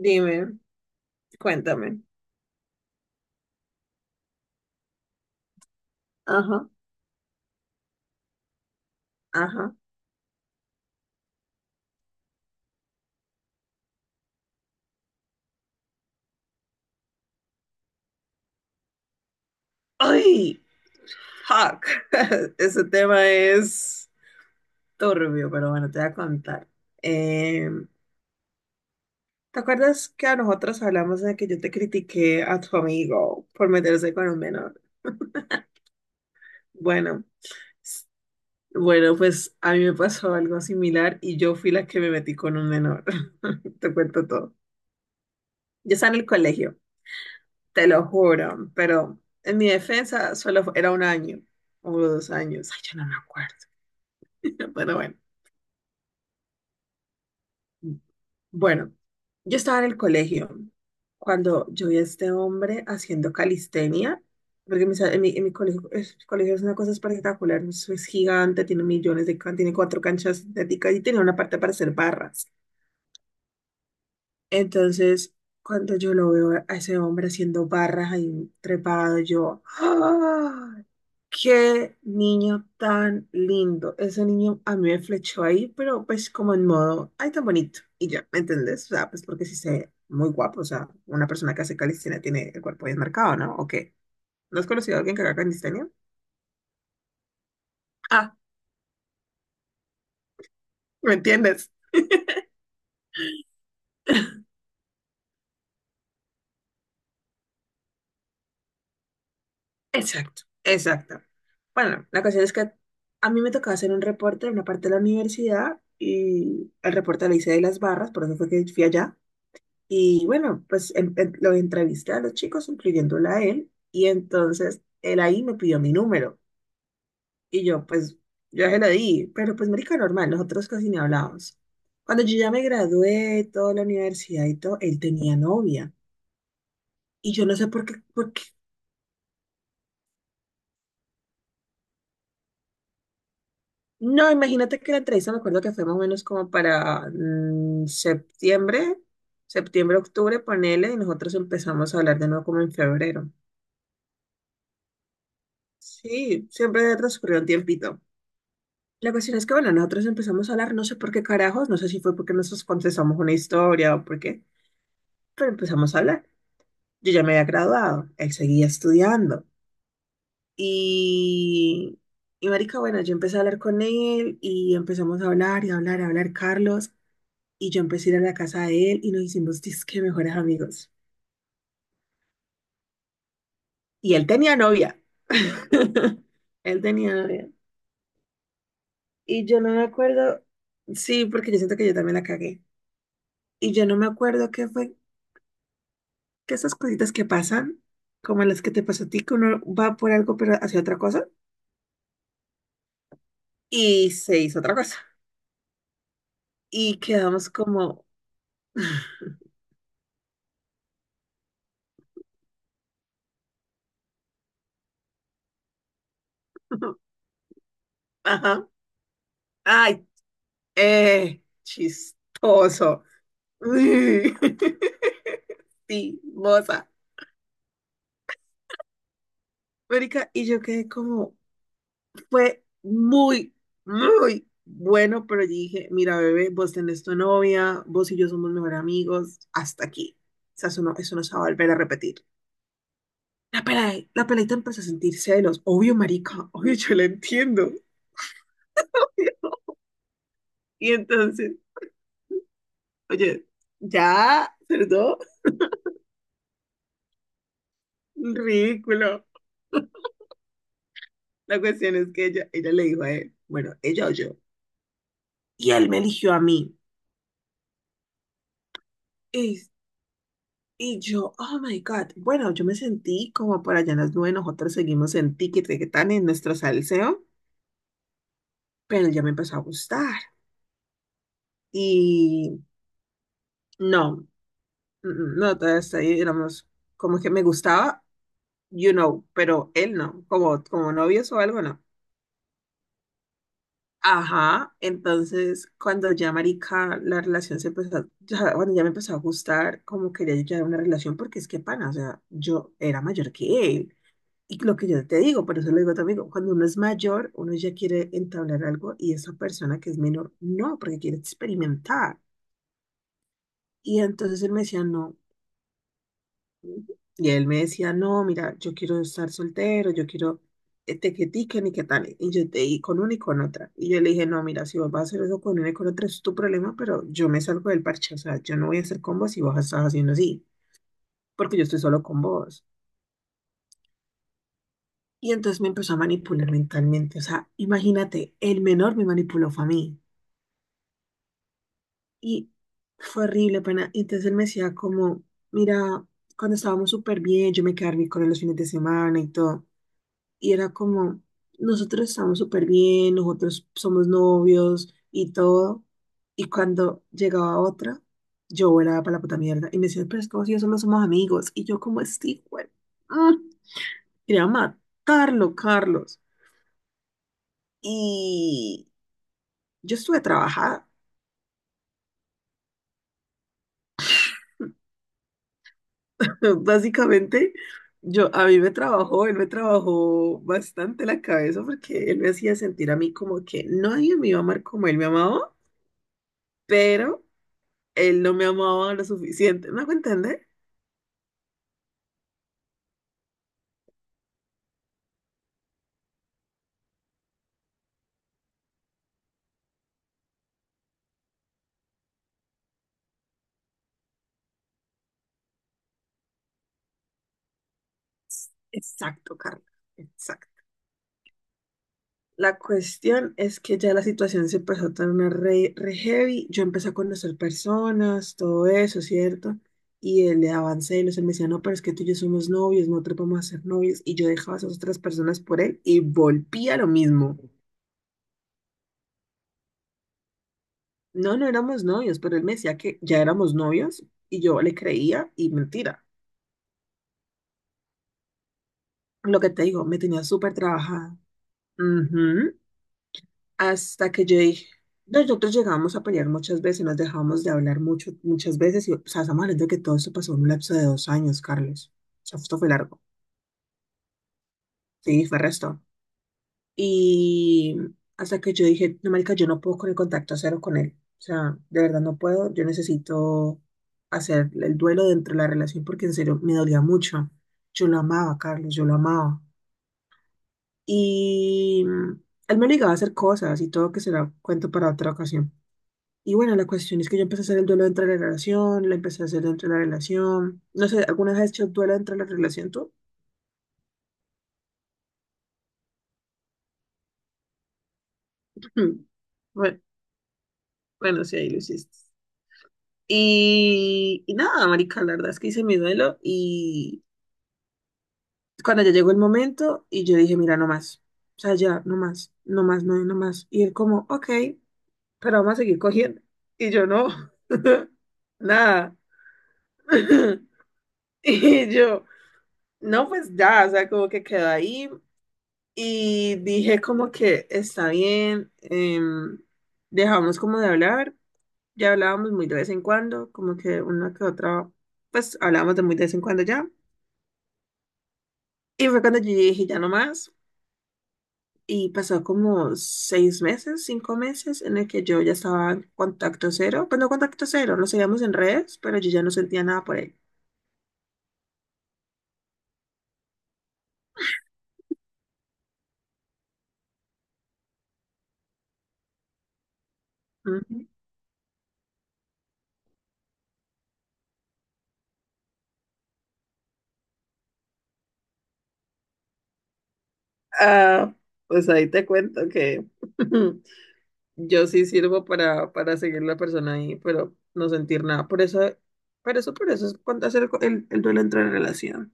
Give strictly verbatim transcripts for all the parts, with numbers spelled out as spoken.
Dime, cuéntame. Ajá, ajá. ¡Ay! ¡Fuck! Ese tema es turbio, pero bueno, te voy a contar. Eh, ¿te acuerdas que a nosotros hablamos de que yo te critiqué a tu amigo por meterse con un menor? Bueno, s- bueno, pues a mí me pasó algo similar y yo fui la que me metí con un menor. Te cuento todo. Yo estaba en el colegio, te lo juro, pero en mi defensa solo fu- era un año o dos años. Ay, yo no me acuerdo. Pero bueno, bueno, yo estaba en el colegio cuando yo vi a este hombre haciendo calistenia, porque mi sa- en mi, en mi colegio, es, colegio es una cosa espectacular, es, es gigante, tiene millones de can- tiene cuatro canchas sintéticas y tiene una parte para hacer barras. Entonces, cuando yo lo veo a ese hombre haciendo barras ahí trepado, yo, ¡ah! Qué niño tan lindo. Ese niño a mí me flechó ahí, pero pues como en modo, ay, tan bonito. Y ya, ¿me entendés? O sea, pues porque sí se ve muy guapo. O sea, una persona que hace calistenia tiene el cuerpo bien marcado, ¿no? ¿O qué? ¿No has conocido a alguien que haga calistenia? Ah, ¿me entiendes? Exacto, exacto. Bueno, la cuestión es que a mí me tocaba hacer un reporte en una parte de la universidad y el reporte lo hice de las barras, por eso fue que fui allá. Y bueno, pues em- em- lo entrevisté a los chicos, incluyéndola a él, y entonces él ahí me pidió mi número. Y yo, pues, yo se lo di, pero pues, marica, normal, nosotros casi ni hablábamos. Cuando yo ya me gradué, toda la universidad y todo, él tenía novia. Y yo no sé por qué, por qué. No, imagínate que la entrevista, me acuerdo que fue más o menos como para mm, septiembre, septiembre, octubre, ponele, y nosotros empezamos a hablar de nuevo como en febrero. Sí, siempre transcurrió un tiempito. La cuestión es que, bueno, nosotros empezamos a hablar, no sé por qué carajos, no sé si fue porque nosotros contestamos una historia o por qué, pero empezamos a hablar. Yo ya me había graduado, él seguía estudiando. Y, y marica, bueno, yo empecé a hablar con él y empezamos a hablar y a hablar, a hablar, Carlos. Y yo empecé a ir a la casa de él y nos hicimos disque mejores amigos. Y él tenía novia. Él tenía novia. Y yo no me acuerdo, sí, porque yo siento que yo también la cagué. Y yo no me acuerdo qué fue que esas cositas que pasan, como las que te pasó a ti, que uno va por algo pero hacia otra cosa y se hizo otra cosa. Y quedamos como, ajá, ay, eh, chistoso. Uy. Sí, moza. Mónica, y yo quedé como, fue muy, muy bueno, pero dije, mira, bebé, vos tenés tu novia, vos y yo somos mejores amigos, hasta aquí. O sea, eso no, eso no se va a volver a repetir. La pela, la peladita empezó a sentir celos. Obvio, marica, obvio, yo la entiendo. Y entonces, oye, ya, perdón, ridículo. La cuestión es que ella, ella le dijo a él, bueno, ella o yo. Y él me eligió a mí. Y, y yo, oh my God. Bueno, yo me sentí como por allá en las nubes, nosotros seguimos en ticket que tan en nuestro salseo, pero él ya me empezó a gustar. Y no, mm, mm, no, todavía hasta ahí éramos como que me gustaba, you know, pero él no, como, como novios o algo no. Ajá, entonces cuando ya marica la relación se empezó, a- ya, bueno, ya me empezó a gustar, como quería yo ya una relación, porque es que pana, o sea, yo era mayor que él. Y lo que yo te digo, por eso lo digo a tu amigo, cuando uno es mayor, uno ya quiere entablar algo y esa persona que es menor, no, porque quiere experimentar. Y entonces él me decía, no, Ujú. Y él me decía, no, mira, yo quiero estar soltero, yo quiero este que tiquen y que tal. Y yo te y con una y con otra. Y yo le dije, no, mira, si vos vas a hacer eso con una y con otra, es tu problema, pero yo me salgo del parche. O sea, yo no voy a hacer con vos si vos estás haciendo así, porque yo estoy solo con vos. Y entonces me empezó a manipular mentalmente. O sea, imagínate, el menor me manipuló fue a mí. Y fue horrible, pena. Y entonces él me decía como, mira, cuando estábamos súper bien, yo me quedaba a dormir con él los fines de semana y todo. Y era como, nosotros estamos súper bien, nosotros somos novios y todo. Y cuando llegaba otra, yo era para la puta mierda. Y me decía, pero es como si yo solo somos amigos. Y yo como, este güey, mm, quería matarlo, Carlos. Y yo estuve trabajada. Básicamente, yo, a mí me trabajó, él me trabajó bastante la cabeza porque él me hacía sentir a mí como que nadie me iba a amar como él me amaba, pero él no me amaba lo suficiente. ¿Me hago entender? Exacto, Carla. Exacto. La cuestión es que ya la situación se empezó a tornar re, re heavy. Yo empecé a conocer personas, todo eso, ¿cierto? Y él le daba celos, él me decía, no, pero es que tú y yo somos novios, no te vamos a ser novios. Y yo dejaba a esas otras personas por él y volvía a lo mismo. No, no éramos novios, pero él me decía que ya éramos novios y yo le creía y mentira. Lo que te digo, me tenía súper trabajada. Ujú. Hasta que yo dije, nosotros llegamos a pelear muchas veces, nos dejamos de hablar mucho, muchas veces y, o sea, estamos hablando de que todo esto pasó en un lapso de dos años, Carlos. O sea, esto fue largo. Sí, fue resto. Y hasta que yo dije, no, marica, yo no puedo con el contacto cero con él. O sea, de verdad no puedo. Yo necesito hacer el duelo dentro de la relación porque en serio me dolía mucho. Yo lo amaba, Carlos, yo lo amaba. Y mm, él me obligaba a hacer cosas y todo que será cuento para otra ocasión. Y bueno, la cuestión es que yo empecé a hacer el duelo dentro de la relación, lo empecé a hacer dentro de la relación. No sé, ¿alguna vez has hecho duelo dentro de la relación tú? Bueno, bueno, sí, ahí lo hiciste. Y, y nada, marica, la verdad es que hice mi duelo y cuando ya llegó el momento y yo dije, mira, no más, o sea, ya, no más, no más, no, no más. Y él como, ok, pero vamos a seguir cogiendo. Y yo no, nada. Y yo, no, pues ya, o sea, como que quedó ahí y dije como que está bien, em, dejamos como de hablar, ya hablábamos muy de vez en cuando, como que una que otra, pues hablábamos de muy de vez en cuando ya. Y fue cuando yo dije, ya no más. Y pasó como seis meses, cinco meses, en el que yo ya estaba en contacto cero. Pues no contacto cero, nos seguíamos en redes, pero yo ya no sentía nada por él. Ujú. Ah, pues ahí te cuento que yo sí sirvo para, para seguir la persona ahí, pero no sentir nada. Por eso, por eso, por eso es cuando hacer el, el duelo entre relación.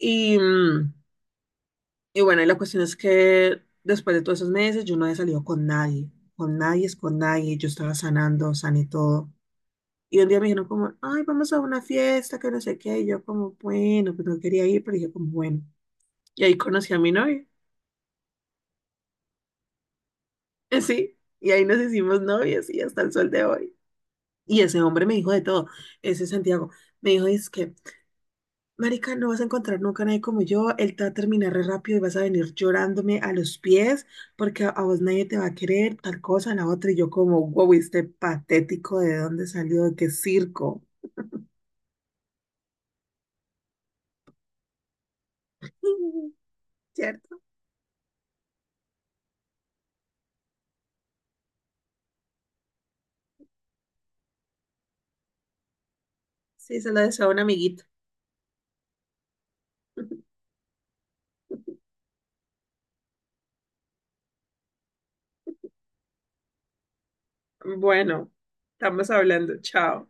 Y. mm, Y bueno, y la cuestión es que después de todos esos meses yo no había salido con nadie, con nadie es con nadie, yo estaba sanando, sané todo. Y un día me dijeron como, ay, vamos a una fiesta, que no sé qué, y yo como, bueno, pues no quería ir, pero dije como, bueno. Y ahí conocí a mi novio, eh, sí, y ahí nos hicimos novios y hasta el sol de hoy. Y ese hombre me dijo de todo, ese Santiago, me dijo, es que Marica, no vas a encontrar nunca a nadie como yo. Él te va a terminar re rápido y vas a venir llorándome a los pies porque a, a vos nadie te va a querer, tal cosa, la otra. Y yo como, wow, este patético, ¿de dónde salió? ¿De qué circo? ¿Cierto? Sí, se lo deseo a un amiguito. Bueno, estamos hablando. Chao.